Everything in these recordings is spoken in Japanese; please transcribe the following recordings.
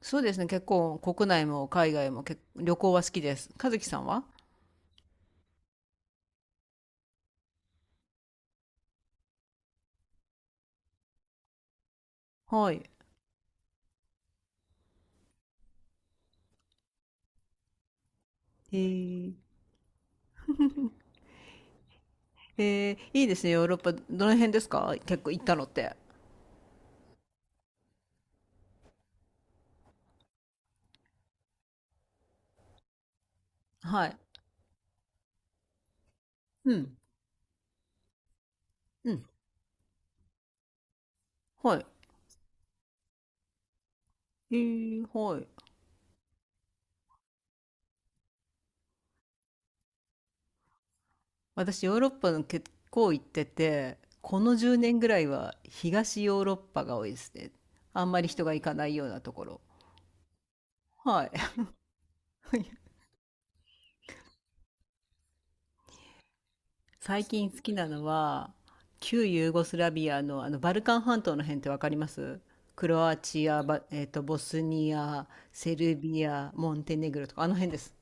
そうですね、結構国内も海外も旅行は好きです。和樹さんは？はい。えー、えいいですね、ヨーロッパ。どの辺ですか？結構行ったのって。はい。うん。うん。はい。はい。私、ヨーロッパの結構行ってて、この10年ぐらいは東ヨーロッパが多いですね。あんまり人が行かないようなところ。はい。最近好きなのは、旧ユーゴスラビアの、あのバルカン半島の辺ってわかります？クロアチア、バえっと、ボスニア、セルビア、モンテネグロとか、あの辺です。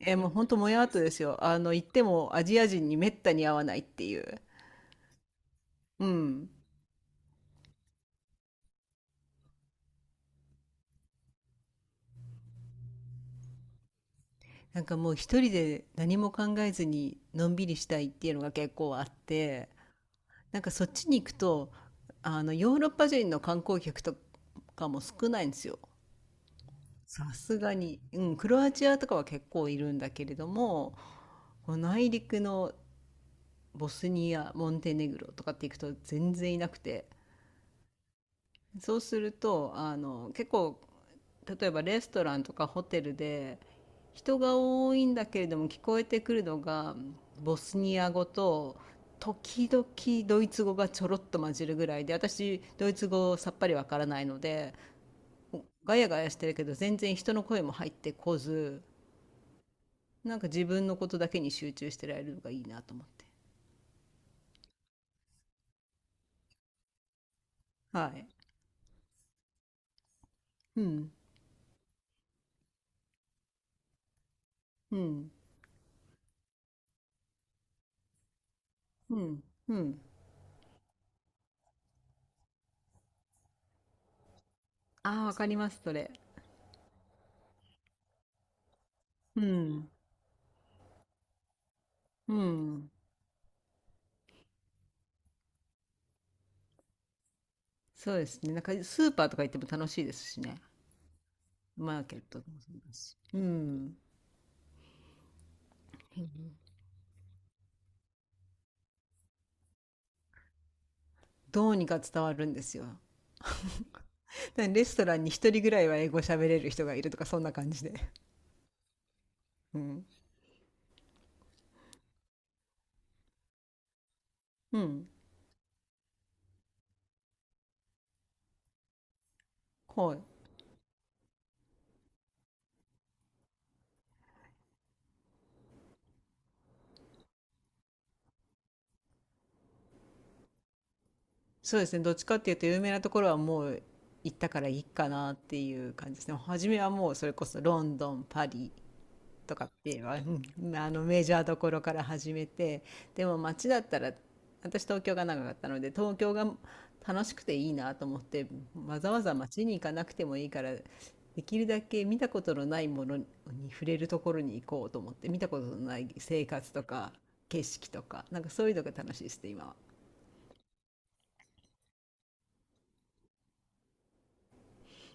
もうほんともやっとですよ。あの、行ってもアジア人にめったに会わないっていう。うん。なんかもう一人で何も考えずにのんびりしたいっていうのが結構あって、なんかそっちに行くと、ヨーロッパ人の観光客とかも少ないんですよ。さすがに、うん、クロアチアとかは結構いるんだけれども、こう内陸のボスニア、モンテネグロとかって行くと全然いなくて、そうすると、結構、例えばレストランとかホテルで、人が多いんだけれども聞こえてくるのが、ボスニア語と、時々ドイツ語がちょろっと混じるぐらいで、私、ドイツ語さっぱりわからないので、ガヤガヤしてるけど全然人の声も入ってこず、なんか自分のことだけに集中してられるのがいいなと思って。はい。うん。うん。うん。うん。ああ、わかります、それ。うん。うん。そうですね。なんかスーパーとか行っても楽しいですしね。マーケットもそうだし。うん。どうにか伝わるんですよ。でレストランに一人ぐらいは英語喋れる人がいるとか、そんな感じで。うん。うん。はい。そうですね。どっちかっていうと、有名なところはもう行ったからいいかなっていう感じですね。初めはもうそれこそロンドン、パリ、とかっていうのはうん、メジャーどころから始めて、でも街だったら、私東京が長かったので東京が楽しくていいなと思って、わざわざ街に行かなくてもいいから、できるだけ見たことのないものに触れるところに行こうと思って、見たことのない生活とか景色とか、なんかそういうのが楽しいですね今は。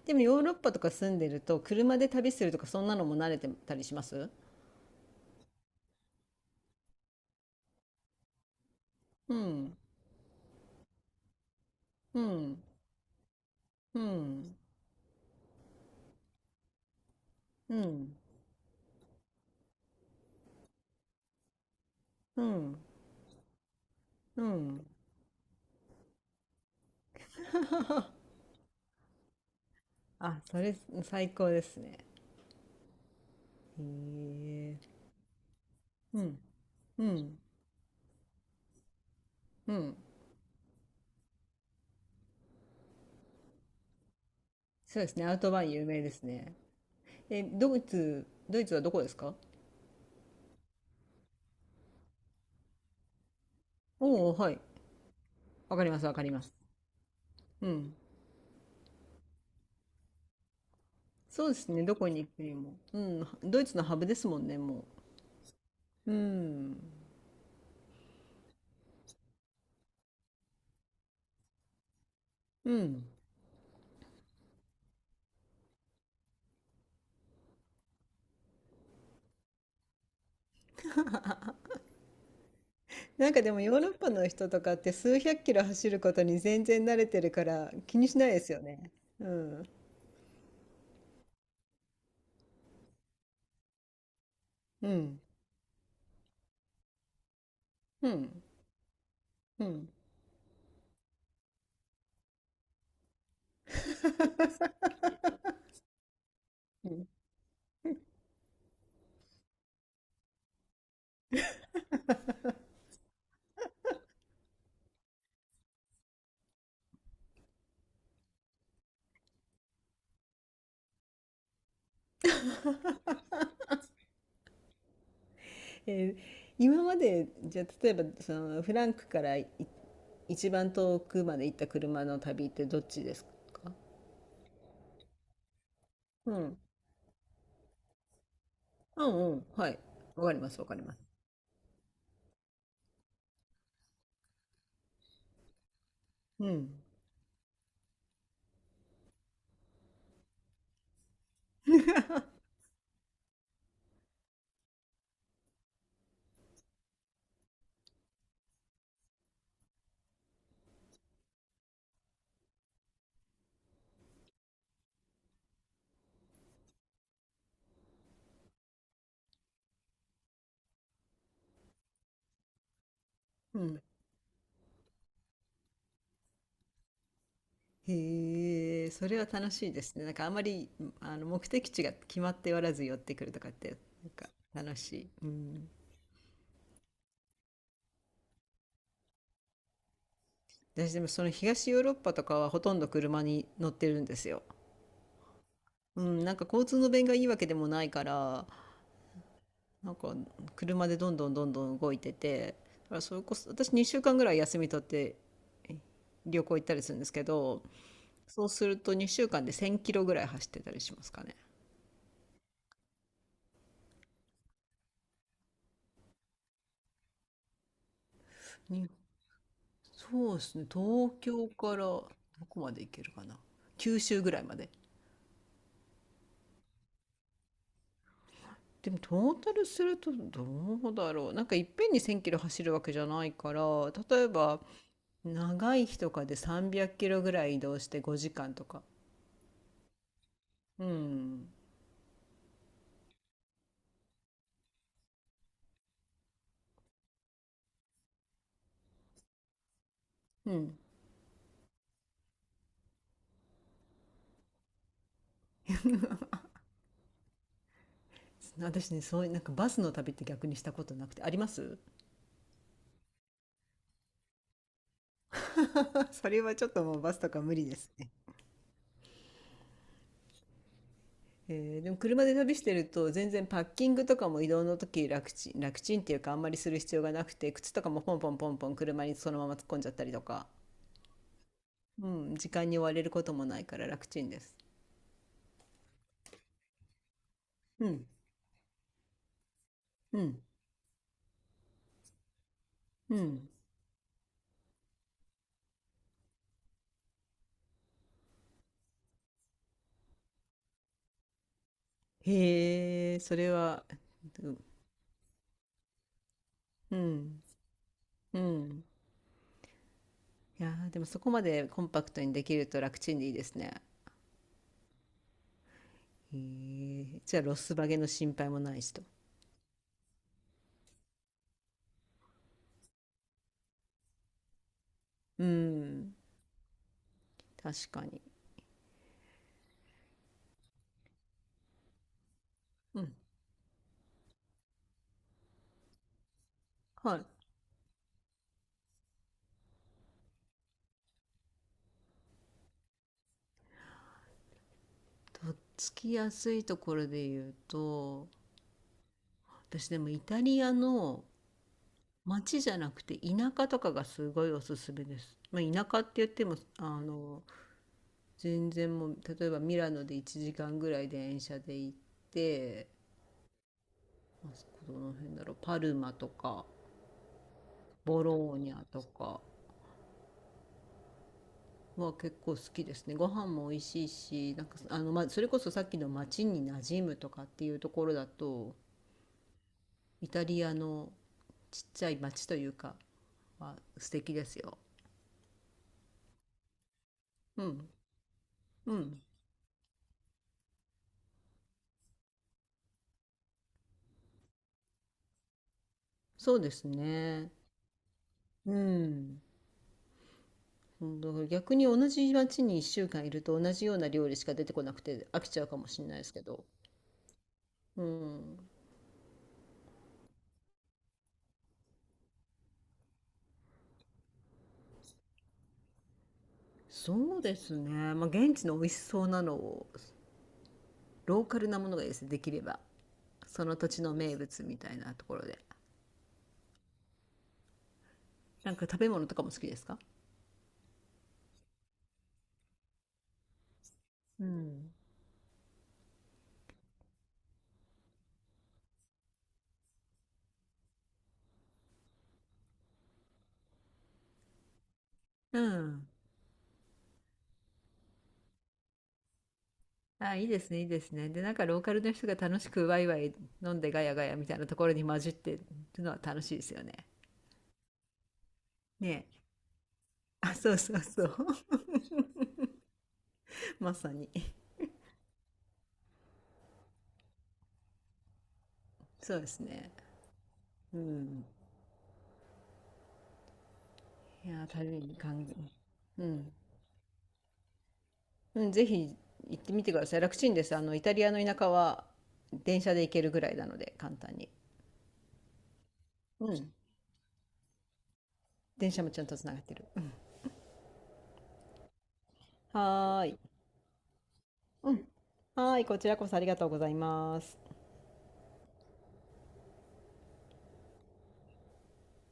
でもヨーロッパとか住んでると車で旅するとか、そんなのも慣れてたりします？うん。うん。うん。うん。うん。うん。 あ、それ最高ですね。へえ。うん。うん。うん。そうですね。アウトバイン有名ですね。え、ドイツはどこですか？おおー、はい。わかります、わかります。うん。そうですね。どこに行くにも。うん。ドイツのハブですもんね、もう。うん。うん。なんかでもヨーロッパの人とかって数百キロ走ることに全然慣れてるから気にしないですよね。うん。うん。うん。うん。今までじゃあ例えばそのフランクから一番遠くまで行った車の旅ってどっちですか？うん。うんうん。はい。わかりますわかります。うん。うん。へえ、それは楽しいですね。なんかあまり目的地が決まっておらず寄ってくるとかって、なんか楽しい。うん。私でもその東ヨーロッパとかはほとんど車に乗ってるんですよ。うん、なんか交通の便がいいわけでもないから、なんか車でどんどんどんどん動いてて、だからそれこそ私2週間ぐらい休み取ってえ旅行行ったりするんですけど、そうすると2週間で1,000キロぐらい走ってたりしますかね。にそうですね、東京からどこまで行けるかな、九州ぐらいまで。でもトータルするとどうだろう、なんかいっぺんに1,000キロ走るわけじゃないから、例えば長い日とかで300キロぐらい移動して5時間とか。うん、うん。私ね、そういうなんかバスの旅って逆にしたことなくて、あります？それはちょっともうバスとか無理ですね。でも車で旅してると全然パッキングとかも移動の時楽ちん楽ちんっていうか、あんまりする必要がなくて靴とかもポンポンポンポン車にそのまま突っ込んじゃったりとか、うん、時間に追われることもないから楽ちんです。うん。うん。うん。へえ、それは。うん。うん。うん。いやー、でもそこまでコンパクトにできると楽ちんでいいですね。へえ、じゃあロスバゲの心配もないしと。うん、確かに。うん、はい。とっつきやすいところで言うと、私でもイタリアの街じゃなくて田舎とかがすごいおすすめです。まあ、田舎って言っても、全然もう、例えばミラノで1時間ぐらい電車で行って、まあそこどの辺だろう、パルマとか、ボローニャとか、は結構好きですね。ご飯も美味しいし、なんかまあ、それこそさっきの町に馴染むとかっていうところだと、イタリアのちっちゃい町というかは素敵ですよ。うん。うん。そうですね。うん。うん。だから逆に同じ町に1週間いると同じような料理しか出てこなくて飽きちゃうかもしれないですけど。うん、そうですね、まあ、現地の美味しそうなのを、ローカルなものがいいですねできれば、その土地の名物みたいなところで。なんか食べ物とかも好きですか？うん。うん。あ、いいですね、いいですね。で、なんかローカルの人が楽しくワイワイ飲んでガヤガヤみたいなところに混じってるのは楽しいですよね。ねえ。あ、そうそうそう。まさに。そうですね。うん。いやー、旅に感じ。うん。うん、ぜひ行ってみてください。楽ちんです。イタリアの田舎は電車で行けるぐらいなので、簡単に。うん。電車もちゃんとつながってる。はーい。うん。はーい、こちらこそありがとうございます。